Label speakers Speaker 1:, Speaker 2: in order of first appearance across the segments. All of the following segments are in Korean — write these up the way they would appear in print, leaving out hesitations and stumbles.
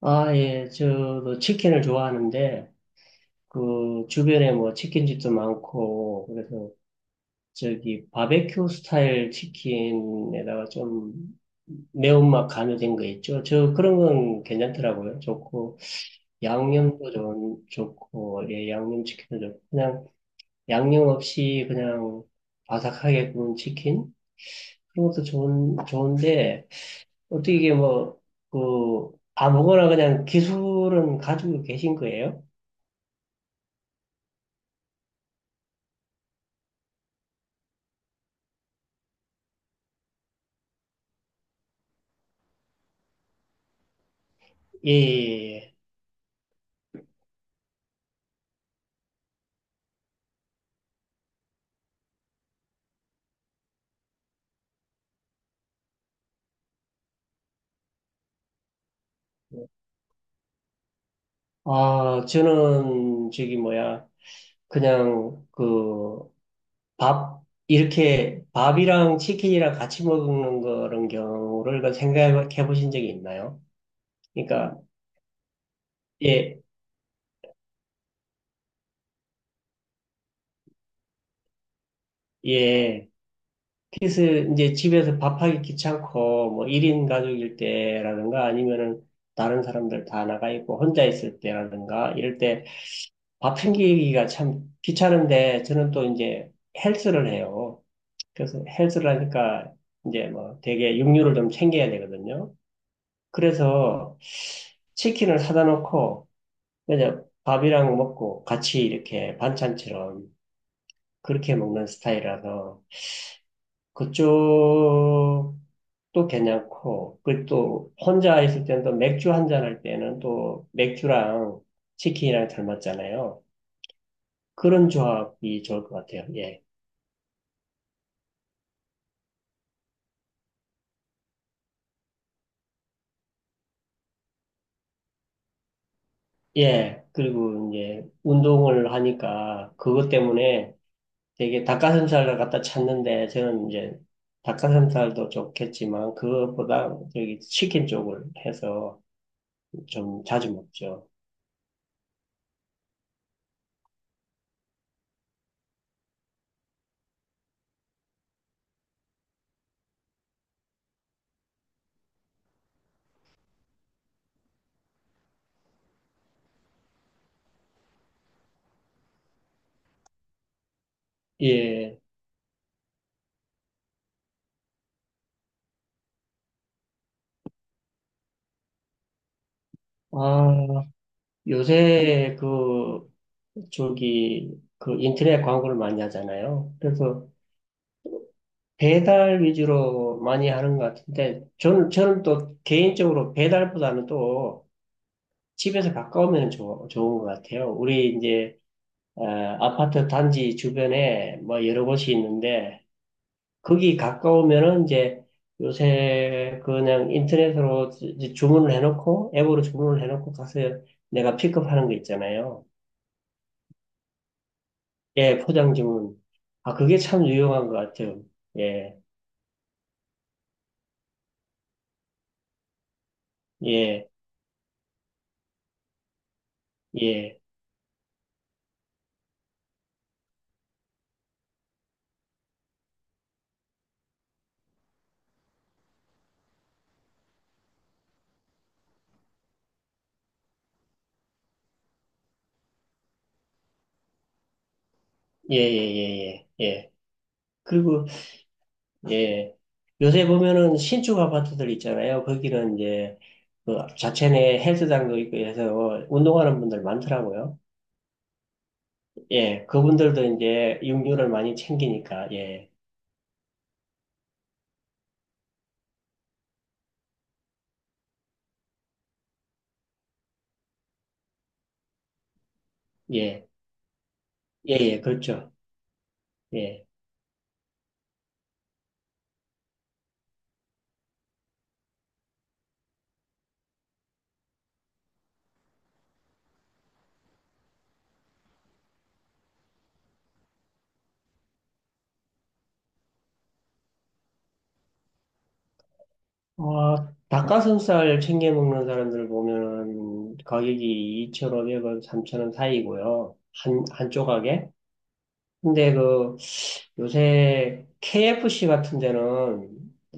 Speaker 1: 아, 예, 저도 치킨을 좋아하는데, 그, 주변에 뭐 치킨집도 많고, 그래서 저기 바베큐 스타일 치킨에다가 좀 매운맛 가미된 거 있죠. 저 그런 건 괜찮더라고요. 좋고, 양념도 좋고, 예, 양념치킨도 좋고, 그냥 양념 없이 그냥 바삭하게 구운 치킨? 그런 것도 좋은데, 어떻게 이게 뭐, 그, 아무거나 그냥 기술은 가지고 계신 거예요? 예, 예, 예. 아, 저는 저기 뭐야, 그냥 그 밥, 이렇게 밥이랑 치킨이랑 같이 먹는 그런 경우를 그 생각해 보신 적이 있나요? 그러니까, 예, 예. 그래 이제 집에서 밥하기 귀찮고, 뭐 1인 가족일 때라든가 아니면은 다른 사람들 다 나가 있고 혼자 있을 때라든가 이럴 때 밥 챙기기가 참 귀찮은데 저는 또 이제 헬스를 해요. 그래서 헬스를 하니까 이제 뭐 되게 육류를 좀 챙겨야 되거든요. 그래서 치킨을 사다 놓고 그냥 밥이랑 먹고 같이 이렇게 반찬처럼 그렇게 먹는 스타일이라서 그쪽도 괜찮고 그또 혼자 있을 때는 또 맥주 한 잔 할 때는 또 맥주랑 치킨이랑 잘 맞잖아요. 그런 조합이 좋을 것 같아요. 예. 예. 그리고 이제 운동을 하니까 그것 때문에 되게 닭가슴살을 갖다 찾는데 저는 이제 닭가슴살도 좋겠지만 그것보다 저기 치킨 쪽을 해서 좀 자주 먹죠. 예. 아, 요새 그 저기 그 인터넷 광고를 많이 하잖아요. 그래서 배달 위주로 많이 하는 것 같은데 저는 또 개인적으로 배달보다는 또 집에서 가까우면 좋은 것 같아요. 우리 이제 어, 아파트 단지 주변에 뭐 여러 곳이 있는데 거기 가까우면은 이제 요새 그냥 인터넷으로 주문을 해놓고 앱으로 주문을 해놓고 가서 내가 픽업하는 거 있잖아요. 예, 포장 주문. 아, 그게 참 유용한 것 같아요. 예, 예, 예, 예, 예, 예, 예. 예. 그리고 예, 요새 보면은 신축 아파트들 있잖아요. 거기는 이제 그 자체 내 헬스장도 있고 해서 운동하는 분들 많더라고요. 예, 그분들도 이제 육류를 많이 챙기니까, 예, 예. 예, 예, 그렇죠. 예. 아, 닭가슴살 챙겨 먹는 사람들을 보면은 가격이 2,500원, 3,000원 사이고요. 한 조각에. 근데 그 요새 KFC 같은 데는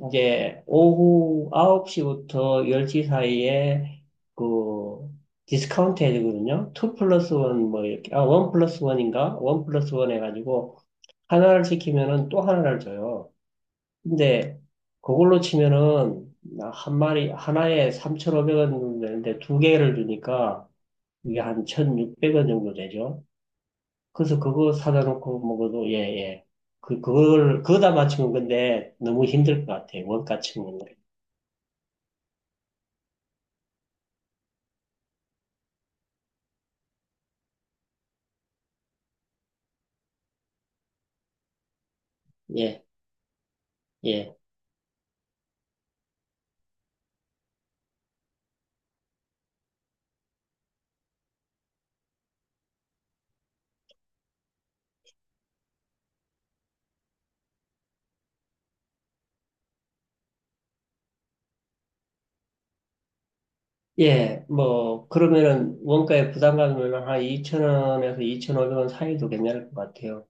Speaker 1: 이제 오후 9시부터 10시 사이에 그 디스카운트 해주거든요. 2 플러스 1 뭐 이렇게, 아, 1 플러스 1인가? 1 플러스 1 해가지고 하나를 시키면은 또 하나를 줘요. 근데 그걸로 치면은 나한 마리 하나에 3,500원 정도 되는데 두 개를 주니까 이게 한 1,600원 정도 되죠. 그래서 그거 사다 놓고 먹어도 예예. 그걸 그다 맞추면 근데 너무 힘들 것 같아요. 원가 치고는. 예. 예. 예. 뭐 그러면은 원가에 부담 가면은 한 2,000원에서 2,500원 사이도 괜찮을 것 같아요.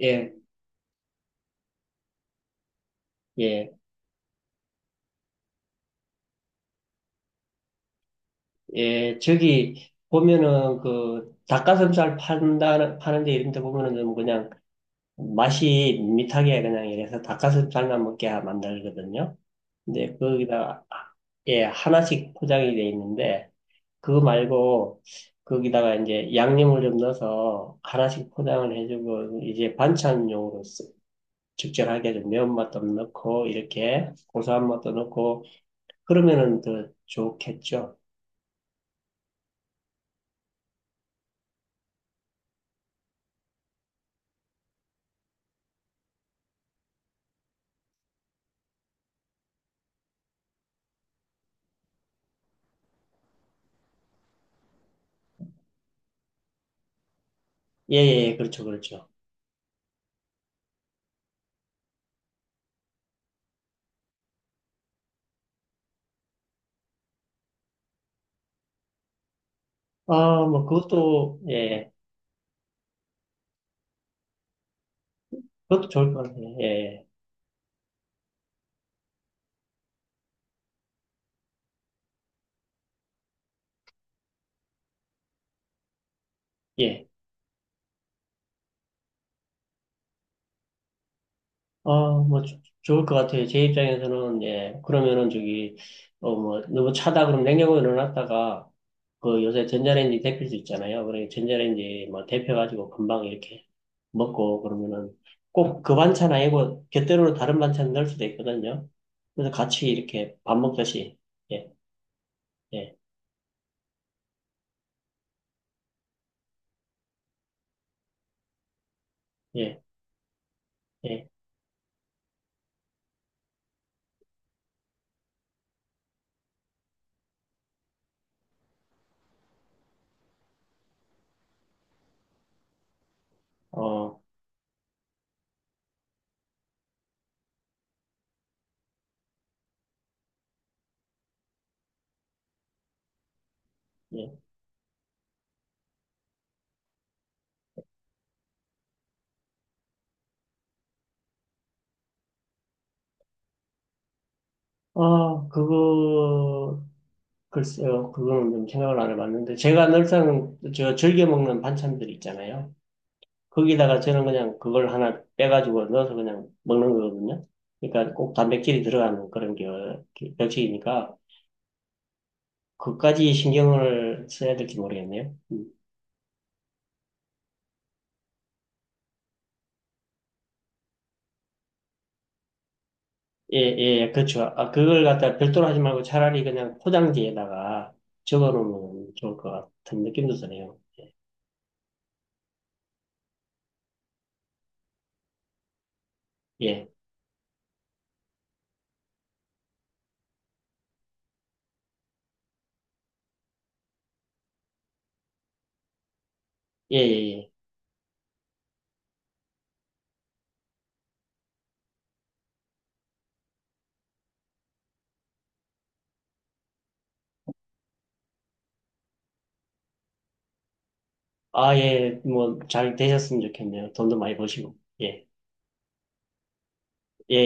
Speaker 1: 예. 예. 예, 저기 보면은 그 닭가슴살 판다 파는 데 이런 데 보면은 좀 그냥 맛이 밋밋하게 그냥 이래서 닭가슴살만 먹게 만들거든요. 근데 거기다가 예, 하나씩 포장이 돼 있는데 그거 말고 거기다가 이제 양념을 좀 넣어서 하나씩 포장을 해주고 이제 반찬용으로 쓰- 적절하게 좀 매운맛도 넣고 이렇게 고소한 맛도 넣고 그러면은 더 좋겠죠. 예, 예, 예, 그렇죠, 그렇죠. 아, 뭐, 그것도, 예, 그것도 좋을 것 같아요. 예, 예. 아, 뭐, 조- 좋을 것 같아요. 제 입장에서는, 예, 그러면은 저기, 어, 뭐, 너무 차다 그럼 냉장고에 넣어놨다가, 그 요새 전자레인지 데필 수 있잖아요. 그래, 전자레인지 뭐, 데펴가지고 금방 이렇게 먹고, 그러면은 꼭 그 반찬 아니고, 곁들여로 다른 반찬 넣을 수도 있거든요. 그래서 같이 이렇게 밥 먹듯이, 예, 예, 예, 예, 어, 예. 아, 그거, 글쎄요, 그거는 좀 생각을 안 해봤는데, 제가 늘상 저 즐겨 먹는 반찬들 있잖아요. 거기다가 저는 그냥 그걸 하나 빼가지고 넣어서 그냥 먹는 거거든요. 그러니까 꼭 단백질이 들어가는 그런 게 멸치이니까, 그까지 신경을 써야 될지 모르겠네요. 음. 예, 예, 예, 그렇죠. 아, 그걸 갖다 별도로 하지 말고 차라리 그냥 포장지에다가 적어 놓으면 좋을 것 같은 느낌도 드네요. 예, 예, 예, 예. 아, 예, 뭐, 잘 되셨으면 좋겠네요. 돈도 많이 버시고. 예. 예,